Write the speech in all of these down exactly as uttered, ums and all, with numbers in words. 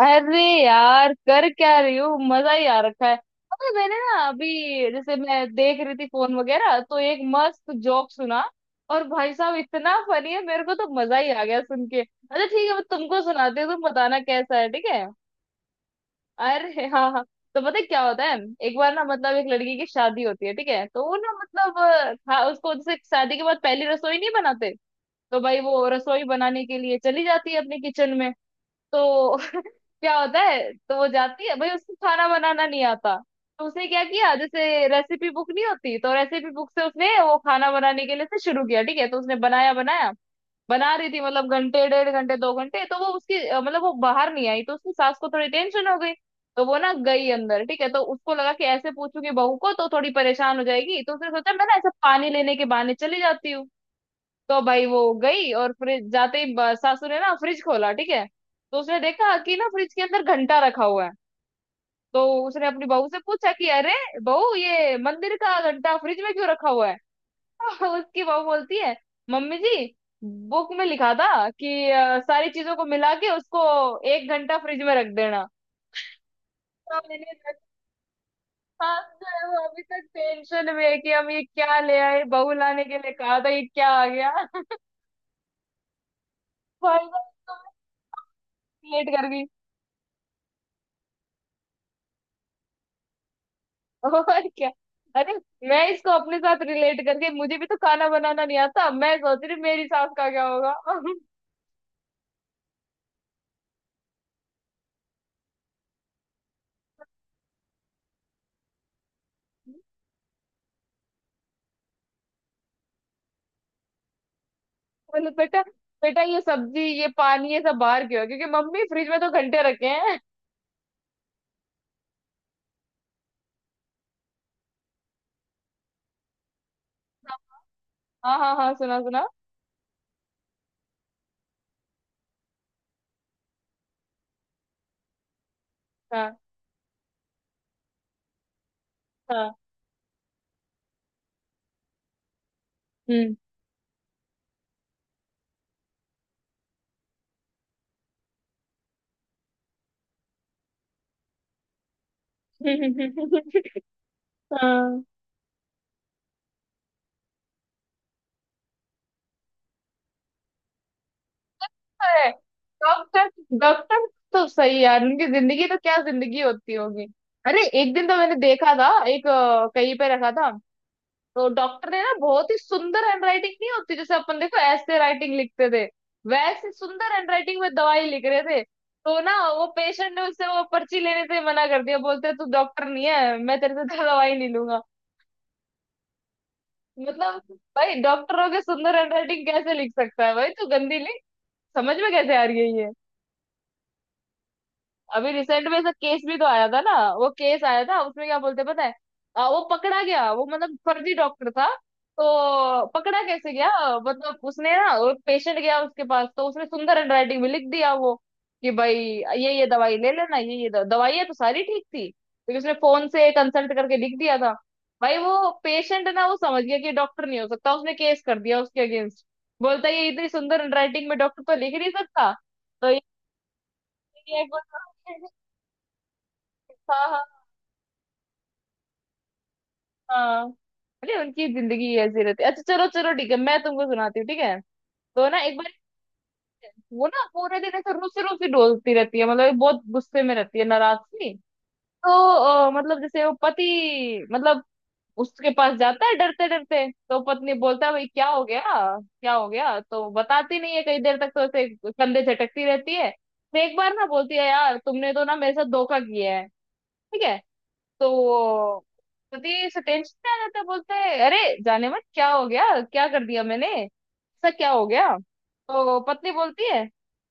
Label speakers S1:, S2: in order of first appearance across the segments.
S1: अरे यार कर क्या रही हो। मजा ही आ रखा है। पता है, मैंने ना अभी जैसे मैं देख रही थी फोन वगैरह, तो एक मस्त जोक सुना। और भाई साहब इतना फनी है, मेरे को तो मजा ही आ गया सुन के। अच्छा ठीक है, मैं तुमको सुनाती हूँ, तुम बताना कैसा है, ठीक है? अरे हाँ हाँ, तो पता है क्या होता है? एक बार ना, मतलब एक लड़की की शादी होती है, ठीक है? तो वो ना, मतलब अ, खा- उसको जैसे शादी के बाद पहली रसोई नहीं बनाते। तो भाई वो रसोई बनाने के लिए चली जाती है अपने किचन में। तो क्या होता है, तो वो जाती है, भाई उसको खाना बनाना नहीं आता। तो उसने क्या किया, जैसे रेसिपी बुक नहीं होती, तो रेसिपी बुक से उसने वो खाना बनाने के लिए से शुरू किया, ठीक है? तो उसने बनाया बनाया, बना रही थी मतलब घंटे, डेढ़ घंटे, दो घंटे, तो वो उसकी अ, मतलब वो बाहर नहीं आई, तो उसकी सास को थोड़ी टेंशन हो गई। तो वो ना गई अंदर, ठीक है? तो उसको लगा कि ऐसे पूछूंगी बहू को तो थोड़ी परेशान हो जाएगी, तो उसने सोचा मैं ना ऐसा पानी लेने के बहाने चली जाती हूँ। तो भाई वो गई, और फ्रिज जाते ही ब- सासू ने ना फ्रिज खोला, ठीक है? तो उसने देखा कि ना फ्रिज के अंदर घंटा रखा हुआ है। तो उसने अपनी बहू से पूछा कि अरे बहू, ये मंदिर का घंटा फ्रिज में क्यों रखा हुआ है? उसकी बहू बोलती है, मम्मी जी, बुक में लिखा था कि अ, सारी चीजों को मिला के उसको एक घंटा फ्रिज में रख देना। तो मैंने देखा, जो है वो अभी तक टेंशन में है कि हम ये क्या ले आए, बहू लाने के लिए कहा था ये क्या आ गया। भाई साहब, तो मैं लेट कर गई। और क्या। अरे, मैं इसको अपने साथ रिलेट करके, मुझे भी तो खाना बनाना नहीं आता, मैं सोच रही मेरी सास का क्या होगा। बोले बेटा, बेटा ये सब्जी ये पानी ये सब बाहर क्यों है? क्योंकि मम्मी फ्रिज में तो घंटे रखे हैं। हाँ हाँ हाँ, सुना सुना। हाँ हाँ। हम्म। हाँ। है। डॉक्टर, डॉक्टर, तो सही यार, उनकी जिंदगी तो क्या जिंदगी होती होगी। अरे एक दिन तो मैंने देखा था एक अ, कहीं पे रखा था, तो डॉक्टर ने ना, बहुत ही सुंदर हैंडराइटिंग नहीं होती जैसे अपन देखो ऐसे राइटिंग लिखते थे, वैसे सुंदर हैंडराइटिंग में दवाई लिख रहे थे। तो ना वो पेशेंट ने उससे वो पर्ची लेने से मना कर दिया, बोलते तू डॉक्टर नहीं है, मैं तेरे से दवाई नहीं लूंगा। मतलब, भाई डॉक्टरों के सुंदर हैंडराइटिंग कैसे लिख सकता है, भाई तू गंदी लिख, समझ में कैसे आ रही है ये। अभी रिसेंट में ऐसा केस भी तो आया था ना, वो केस आया था उसमें क्या बोलते हैं पता है? आ, वो पकड़ा गया, वो मतलब फर्जी डॉक्टर था। तो पकड़ा कैसे गया, मतलब उसने ना, वो पेशेंट गया उसके पास, तो उसने सुंदर हैंडराइटिंग में लिख दिया वो, कि भाई ये ये दवाई ले लेना, ये ये द- दवाइयाँ तो सारी ठीक थी, लेकिन उसने फोन से कंसल्ट करके लिख दिया था। भाई वो पेशेंट ना, वो समझ गया कि डॉक्टर नहीं हो सकता, उसने केस कर दिया उसके अगेंस्ट। बोलता है, ये इतनी सुंदर हैंडराइटिंग में डॉक्टर तो लिख नहीं सकता। तो ये ये एक बार- हाँ हाँ हाँ, अरे उनकी जिंदगी ऐसी रहती है। अच्छा चलो चलो, ठीक है मैं तुमको सुनाती हूँ, ठीक है? तो ना एक बार, वो ना पूरे दिन ऐसे रूसी रूसी डोलती रहती है, मतलब ये बहुत गुस्से में रहती है नाराज सी। तो अ, मतलब जैसे वो पति, मतलब उसके पास जाता है डरते डरते, तो पत्नी बोलता है भाई क्या हो गया, क्या हो गया? तो बताती नहीं है कई देर तक, तो ऐसे कंधे झटकती रहती है, फिर एक बार ना बोलती है यार तुमने तो ना मेरे साथ धोखा किया है, ठीक है? तो वो प्रतीश टेंशन में आ जाता है, बोलता है अरे, जाने मत क्या हो गया, क्या कर दिया मैंने, ऐसा क्या हो गया? तो पत्नी बोलती है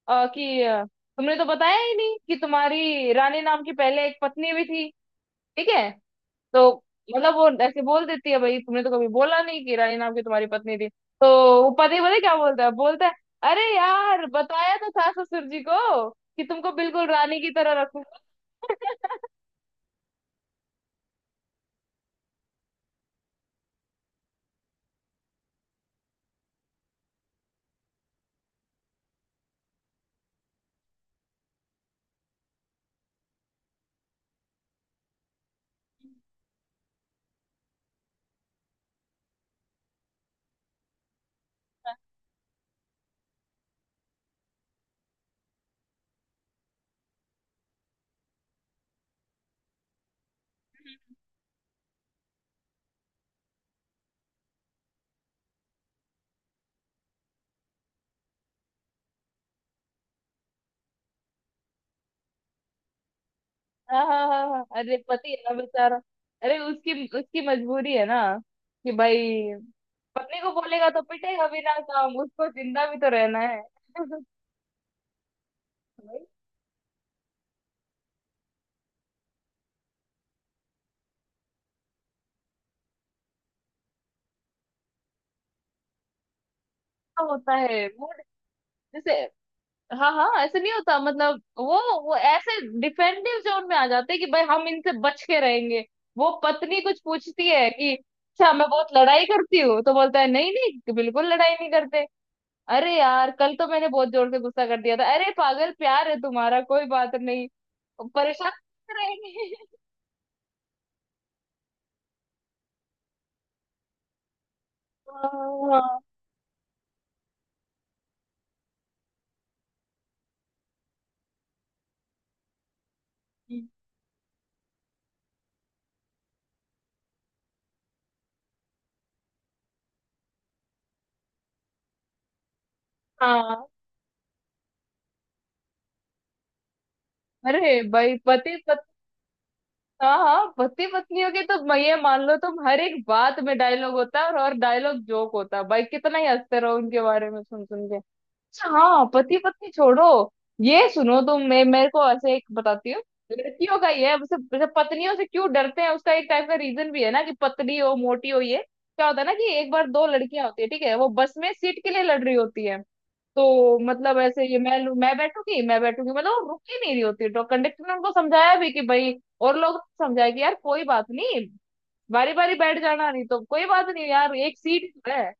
S1: अ, कि अ, तुमने तो बताया ही नहीं कि तुम्हारी रानी नाम की पहले एक पत्नी भी थी, ठीक है? तो मतलब वो ऐसे बोल देती है, भाई तुमने तो कभी बोला नहीं कि रानी नाम की तुम्हारी पत्नी थी, तो वो पति बोले क्या, बोलता है, बोलता है अरे यार, बताया तो था ससुर जी को कि तुमको बिल्कुल रानी की तरह रखूंगा। हाँ हाँ हाँ हाँ, हाँ। अरे पति है ना बेचारा, अरे उसकी उसकी मजबूरी है ना, कि भाई पत्नी को बोलेगा तो पिटेगा बिना काम, उसको जिंदा भी तो रहना है। वही तो होता है वो। जैसे हाँ हाँ, ऐसे नहीं होता, मतलब वो वो ऐसे डिफेंसिव जोन में आ जाते हैं कि भाई हम इनसे बच के रहेंगे। वो पत्नी कुछ पूछती है कि अच्छा मैं बहुत लड़ाई करती हूँ, तो बोलता है नहीं नहीं, बिल्कुल लड़ाई नहीं करते। अरे यार कल तो मैंने बहुत जोर से गुस्सा कर दिया था, अरे पागल प्यार है तुम्हारा, कोई बात नहीं, परेशान रहेंगे। हाँ हाँ। अरे भाई पति पत्नी, हाँ हाँ, पति पत्नियों के तो ये मान लो तुम हर एक बात में डायलॉग होता है, और और डायलॉग जोक होता है, भाई कितना ही हंसते रहो उनके बारे में सुन सुन के। अच्छा हाँ, पति पत्नी छोड़ो, ये सुनो तुम, मैं मेरे को ऐसे एक बताती हूँ। लड़कियों का ये है, वैसे वैसे पत्नियों से क्यों डरते हैं उसका एक टाइप का रीजन भी है ना, कि पतली हो मोटी हो ये। क्या होता है ना, कि एक बार दो लड़कियां होती है, ठीक है? वो बस में सीट के लिए लड़ रही होती है, तो मतलब ऐसे ये मैं लू- मैं बैठूंगी, मैं बैठूंगी, मतलब वो रुक ही नहीं रही होती। तो कंडक्टर ने उनको समझाया भी कि भाई, और लोग समझाया कि यार कोई बात नहीं, बारी बारी बैठ जाना, नहीं तो कोई बात नहीं यार एक सीट है।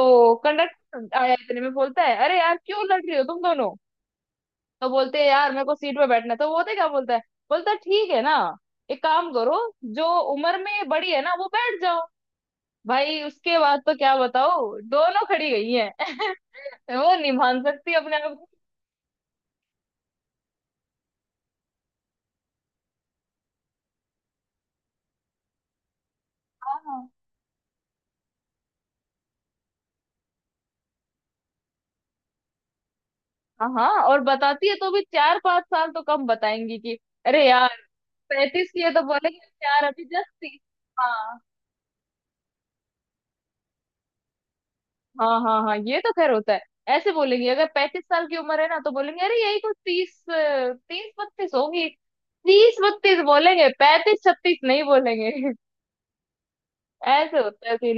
S1: तो कंडक्टर आया इतने में, बोलता है अरे यार क्यों लड़ रही हो तुम दोनों? तो बोलते हैं यार मेरे को सीट पे बैठना है। तो वो होते क्या, बोलता है, बोलता है ठीक है ना, एक काम करो, जो उम्र में बड़ी है ना वो बैठ जाओ। भाई उसके बाद तो क्या बताओ, दोनों खड़ी गई हैं। वो नहीं मान सकती अपने आप को। हाँ हाँ, और बताती है तो भी चार पांच साल तो कम बताएंगी, कि अरे यार, पैंतीस की है तो बोलेंगे यार अभी जस्ट तीस। हाँ हाँ हाँ हाँ, ये तो खैर होता है। ऐसे बोलेंगी अगर पैंतीस साल की उम्र है ना, तो बोलेंगे अरे यही कुछ तीस, तीस बत्तीस होगी। तीस बत्तीस बोलेंगे, पैंतीस छत्तीस नहीं बोलेंगे। ऐसे होता है सीन।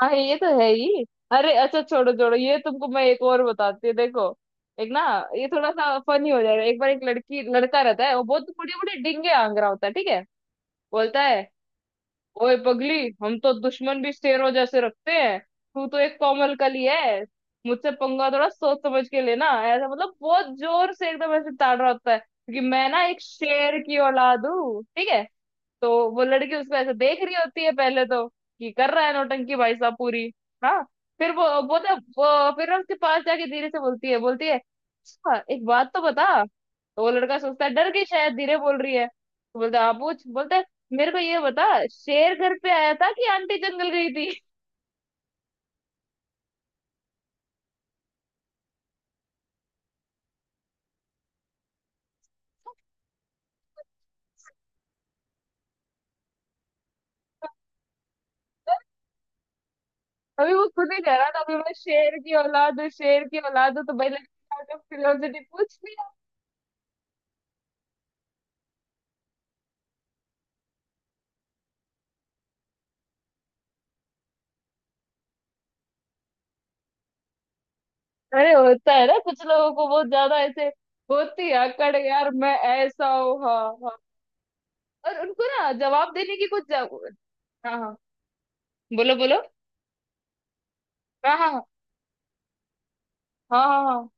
S1: हाँ ये तो है ही। अरे अच्छा छोड़ो छोड़ो, ये तुमको मैं एक और बताती हूँ देखो। एक ना, ये थोड़ा सा फनी हो जाएगा। एक बार एक लड़की लड़का रहता है, वो बहुत बड़े बड़े डिंगे आंग रहा होता है, ठीक है? बोलता है ओए पगली, हम तो दुश्मन भी शेरों जैसे रखते हैं, तू तो एक कोमल कली है, मुझसे पंगा थोड़ा सोच समझ के लेना। ऐसा मतलब बहुत जोर से एकदम ऐसे ताड़ रहा होता है क्योंकि मैं ना एक शेर की औलाद हूँ, ठीक है? तो वो लड़की उसको ऐसे देख रही होती है पहले, तो कि कर रहा है नौटंकी भाई साहब पूरी। हाँ, फिर वो वो तो वो फिर उसके पास जाके धीरे से बोलती है, बोलती है अच्छा एक बात तो बता। तो वो लड़का सोचता है डर गई शायद, धीरे बोल रही है, तो बोलता है आप पूछ, बोलता है मेरे को ये बता, शेर घर पे आया था कि आंटी जंगल गई थी? अभी वो खुद ही कह रहा था अभी, मैं शेर की औलाद हूँ, शेर की औलाद हूँ, तो भाई लड़की ने out of curiosity पूछ। अरे होता है ना, कुछ लोगों को बहुत ज्यादा ऐसे होती है अकड़, यार मैं ऐसा हूँ हाँ हाँ। और उनको ना जवाब देने की कुछ जव... हाँ हाँ, बोलो बोलो। हाँ हाँ हाँ हाँ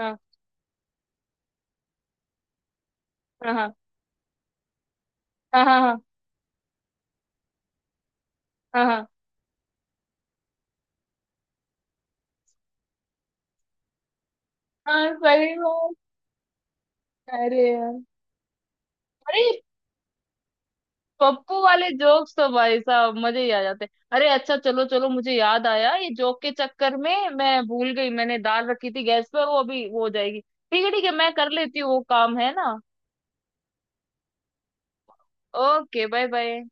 S1: हाँ हाँ हाँ हाँ हाँ हाँ हाँ हाँ हाँ, हाँ, सही बात। अरे यार, अरे ये पप्पू वाले जोक्स तो भाई साहब मजे ही आ जाते हैं। अरे अच्छा चलो चलो, मुझे याद आया, ये जोक के चक्कर में मैं भूल गई, मैंने दाल रखी थी गैस पे, वो अभी वो हो जाएगी। ठीक है ठीक है, मैं कर लेती हूँ वो काम है ना। Okay bye bye.